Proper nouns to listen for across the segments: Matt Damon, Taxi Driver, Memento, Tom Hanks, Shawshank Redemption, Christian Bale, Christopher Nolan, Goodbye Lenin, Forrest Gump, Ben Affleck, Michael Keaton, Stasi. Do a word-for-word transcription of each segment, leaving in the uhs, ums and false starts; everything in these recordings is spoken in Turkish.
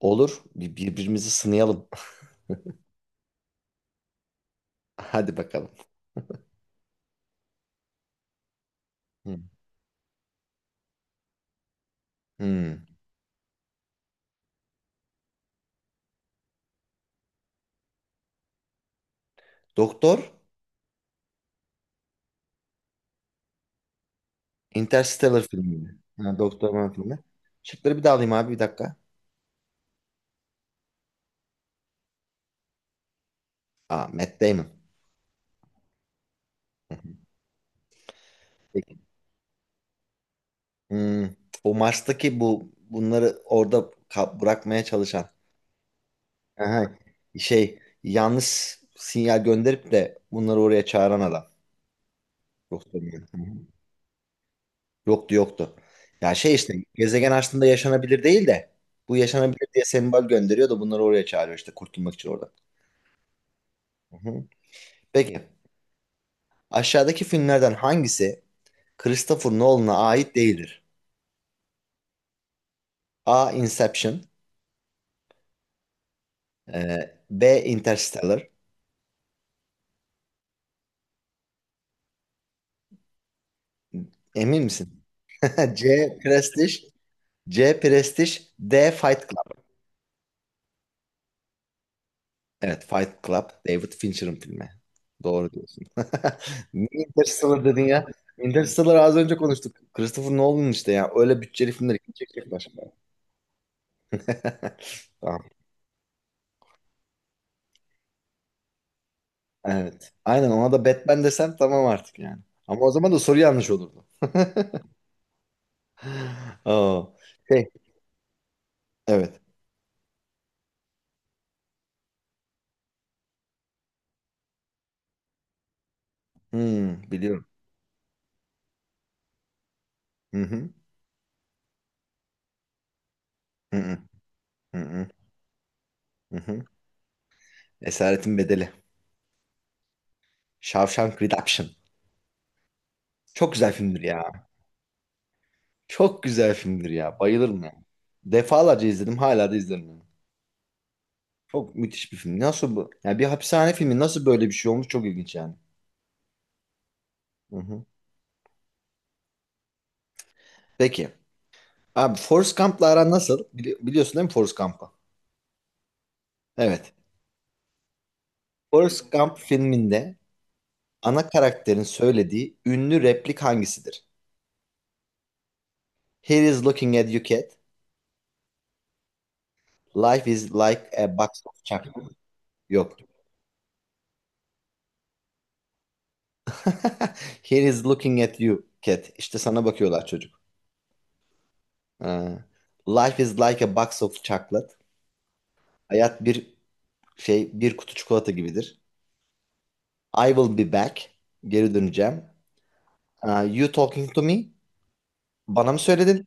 Olur. Bir- birbirimizi sınayalım. Hadi bakalım. Hmm. Hmm. Doktor Interstellar filmi. Ha, Doktor Man filmi. Şıkları bir daha alayım abi, bir dakika. Aa, Matt Damon. Hı hı. Peki. Hmm. O Mars'taki, bu bunları orada ka- bırakmaya çalışan. Aha. Şey Yanlış sinyal gönderip de bunları oraya çağıran adam. Doktor Man. Hı hı. Yoktu, yoktu. Ya şey işte gezegen aslında yaşanabilir değil de bu yaşanabilir diye sembol gönderiyor da bunları oraya çağırıyor işte, kurtulmak için orada. Hı hı. Peki, aşağıdaki filmlerden hangisi Christopher Nolan'a ait değildir? A. Inception. e, B. Interstellar. Emin misin? C. Prestige. C. Prestige. D. Fight. Evet, Fight Club, David Fincher'ın filmi. Doğru diyorsun. Niye Interstellar dedin ya? Interstellar az önce konuştuk. Christopher Nolan işte ya. Öyle bütçeli filmleri kim çekecekler? Tamam. Evet. Aynen, ona da Batman desen tamam artık yani. Ama o zaman da soru yanlış olurdu. Aa, şey, evet. Hmm, biliyorum. Hı hı. Hı hı. Hı hı. Hı hı. Esaretin Bedeli. Shawshank Redemption. Çok güzel filmdir ya. Çok güzel filmdir ya. Bayılırım ya. Defalarca izledim, hala da izlerim yani. Çok müthiş bir film. Nasıl bu? Yani bir hapishane filmi nasıl böyle bir şey olmuş? Çok ilginç yani. Hı hı. Peki. Abi, Forrest Gump'la aran nasıl? Bili- biliyorsun değil mi Forrest Gump'ı? Evet. Forrest Gump filminde ana karakterin söylediği ünlü replik hangisidir? Here is looking at you cat. Life is like a box of chocolate. Yok. Here is looking at you cat. İşte sana bakıyorlar çocuk. Ha. Life is like a box of chocolate. Hayat bir şey bir kutu çikolata gibidir. I will be back. Geri döneceğim. Aa, you talking to me? Bana mı söyledin?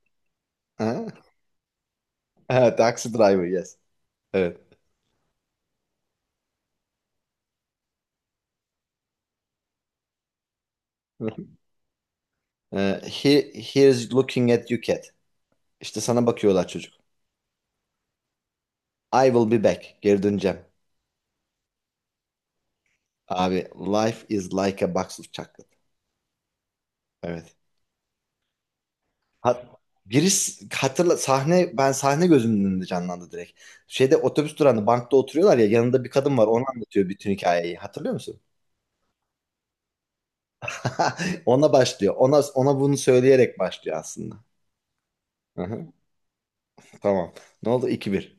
Ha? Ha, Taxi driver yes. Evet. Ee, he, he is looking at you cat. İşte sana bakıyorlar çocuk. I will be back. Geri döneceğim. Abi, life is like a box of chocolate. Evet. Hat giriş hatırla sahne ben sahne gözümün önünde canlandı direkt. Şeyde, otobüs durağında bankta oturuyorlar ya, yanında bir kadın var, onu anlatıyor bütün hikayeyi. Hatırlıyor musun? Ona başlıyor. Ona ona bunu söyleyerek başlıyor aslında. Hı hı. Tamam. Ne oldu? iki bir.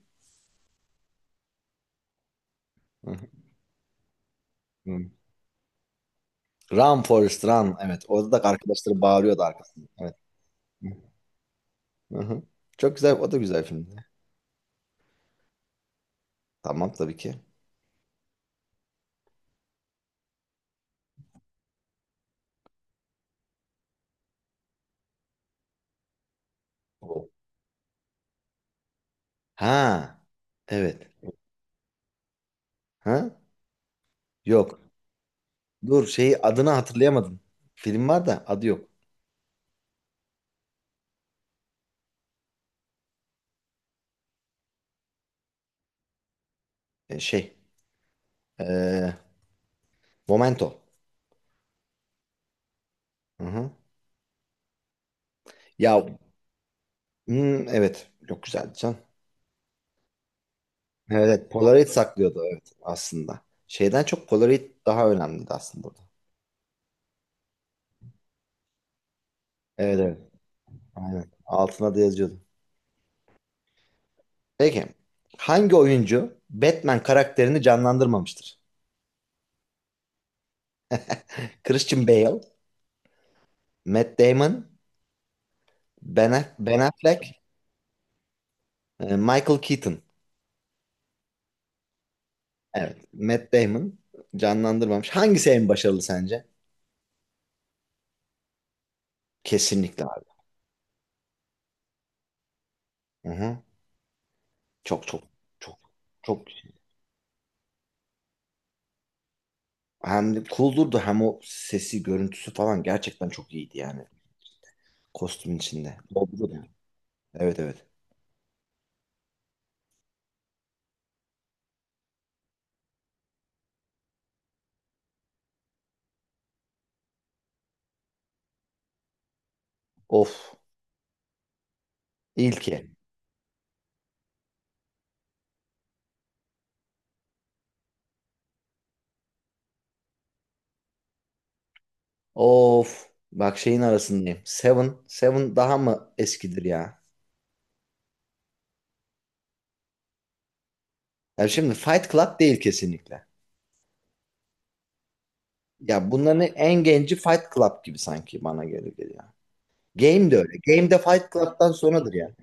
Hı hı. Hı. Run Forrest Run. Evet. Orada da arkadaşları bağırıyordu arkasında. Evet. Hı hı. Çok güzel. O da güzel filmdi. Tamam, tabii ki. O. Ha. Evet. Ha? Yok. Dur, şeyi adını hatırlayamadım. Film var da adı yok. E, şey. E, Momento. Hı hı. Ya hmm, evet. Çok güzeldi can. Evet, evet. Polaroid saklıyordu evet aslında. Şeyden çok Polaroid daha önemliydi aslında burada. Evet evet. Aynen. Altına da yazıyordu. Peki. Hangi oyuncu Batman karakterini canlandırmamıştır? Christian Bale, Matt Damon, Ben, Aff- Ben Affleck, e, Michael Keaton. Evet. Matt Damon canlandırmamış. Hangisi en başarılı sence? Kesinlikle abi. Hı-hı. Çok çok çok çok hem de cool durdu, hem o sesi görüntüsü falan gerçekten çok iyiydi yani. Kostümün içinde. Dolgu da. Evet evet. Of. İlki. Of. Bak, şeyin arasındayım. Seven. Seven daha mı eskidir ya? Ya şimdi Fight Club değil kesinlikle. Ya bunların en genci Fight Club gibi sanki bana gelir geliyor. Game de öyle. Game de Fight Club'tan sonradır yani.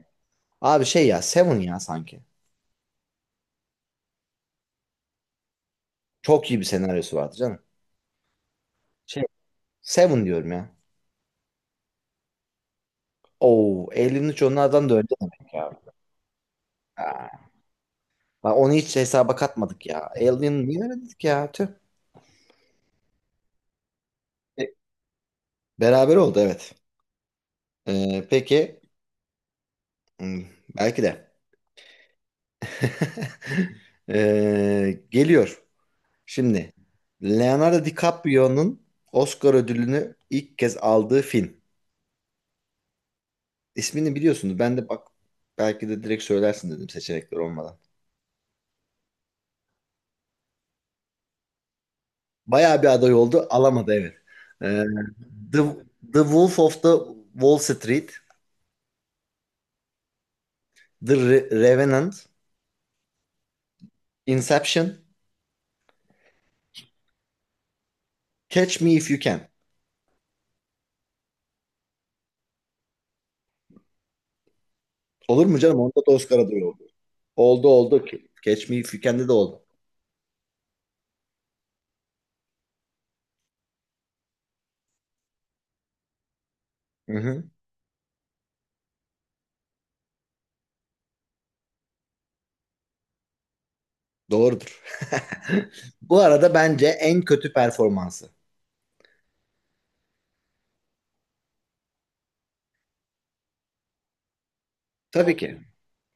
Abi şey ya, Seven ya sanki. Çok iyi bir senaryosu vardı canım. Şey Seven diyorum ya. Oo, Alien'in onlardan da önce demek ya. Aa, bak onu hiç hesaba katmadık ya. Alien niye öyle dedik ya? Tüh. Beraber oldu evet. Ee, peki hmm, belki de. Ee, geliyor. Şimdi Leonardo DiCaprio'nun Oscar ödülünü ilk kez aldığı film. İsmini biliyorsunuz. Ben de bak, belki de direkt söylersin dedim, seçenekler olmadan. Bayağı bir aday oldu. Alamadı evet. Ee, The, The Wolf of the Wall Street, The Re- Revenant, Inception, Catch Me If You Can. Olur mu canım? Onda da Oscar adayı oldu. Oldu oldu. Catch Me If You Can'de de oldu. Hı hı. Doğrudur. Bu arada bence en kötü performansı. Tabii ki.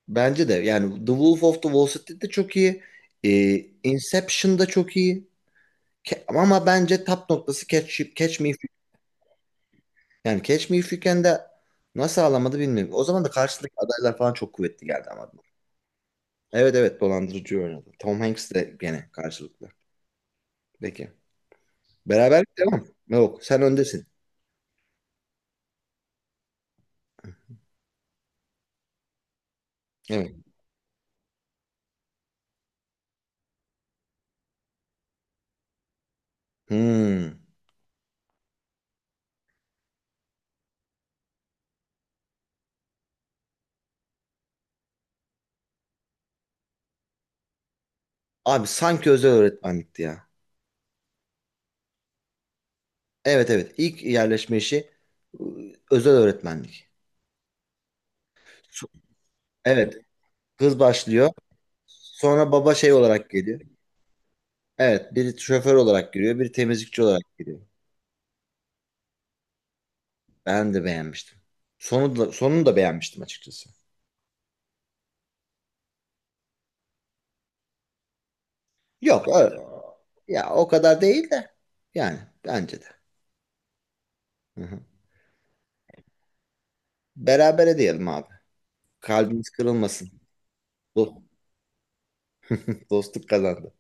Bence de. Yani The Wolf of the Wall Street'te çok iyi. Ee, Inception'da çok iyi. Ke- ama bence tap noktası Catch, Catch Me If You. Yani Catch Me If You Can'de nasıl ağlamadı bilmiyorum. O zaman da karşılık adaylar falan çok kuvvetli geldi ama. Evet evet, dolandırıcı oynadı. Tom Hanks de gene karşılıklı. Peki. Beraber devam. Yok, sen öndesin. Evet. Hmm. Abi sanki özel öğretmenlikti ya. Evet evet, ilk yerleşme işi ıı, özel öğretmenlik. Şu- Evet, kız başlıyor. Sonra baba şey olarak geliyor. Evet, biri şoför olarak giriyor, biri temizlikçi olarak giriyor. Ben de beğenmiştim. Sonu da, sonunu da beğenmiştim açıkçası. Yok ö- ya o kadar değil de yani, bence de. Hı hı. Berabere diyelim abi. Kalbimiz kırılmasın. Do- Dostluk kazandı.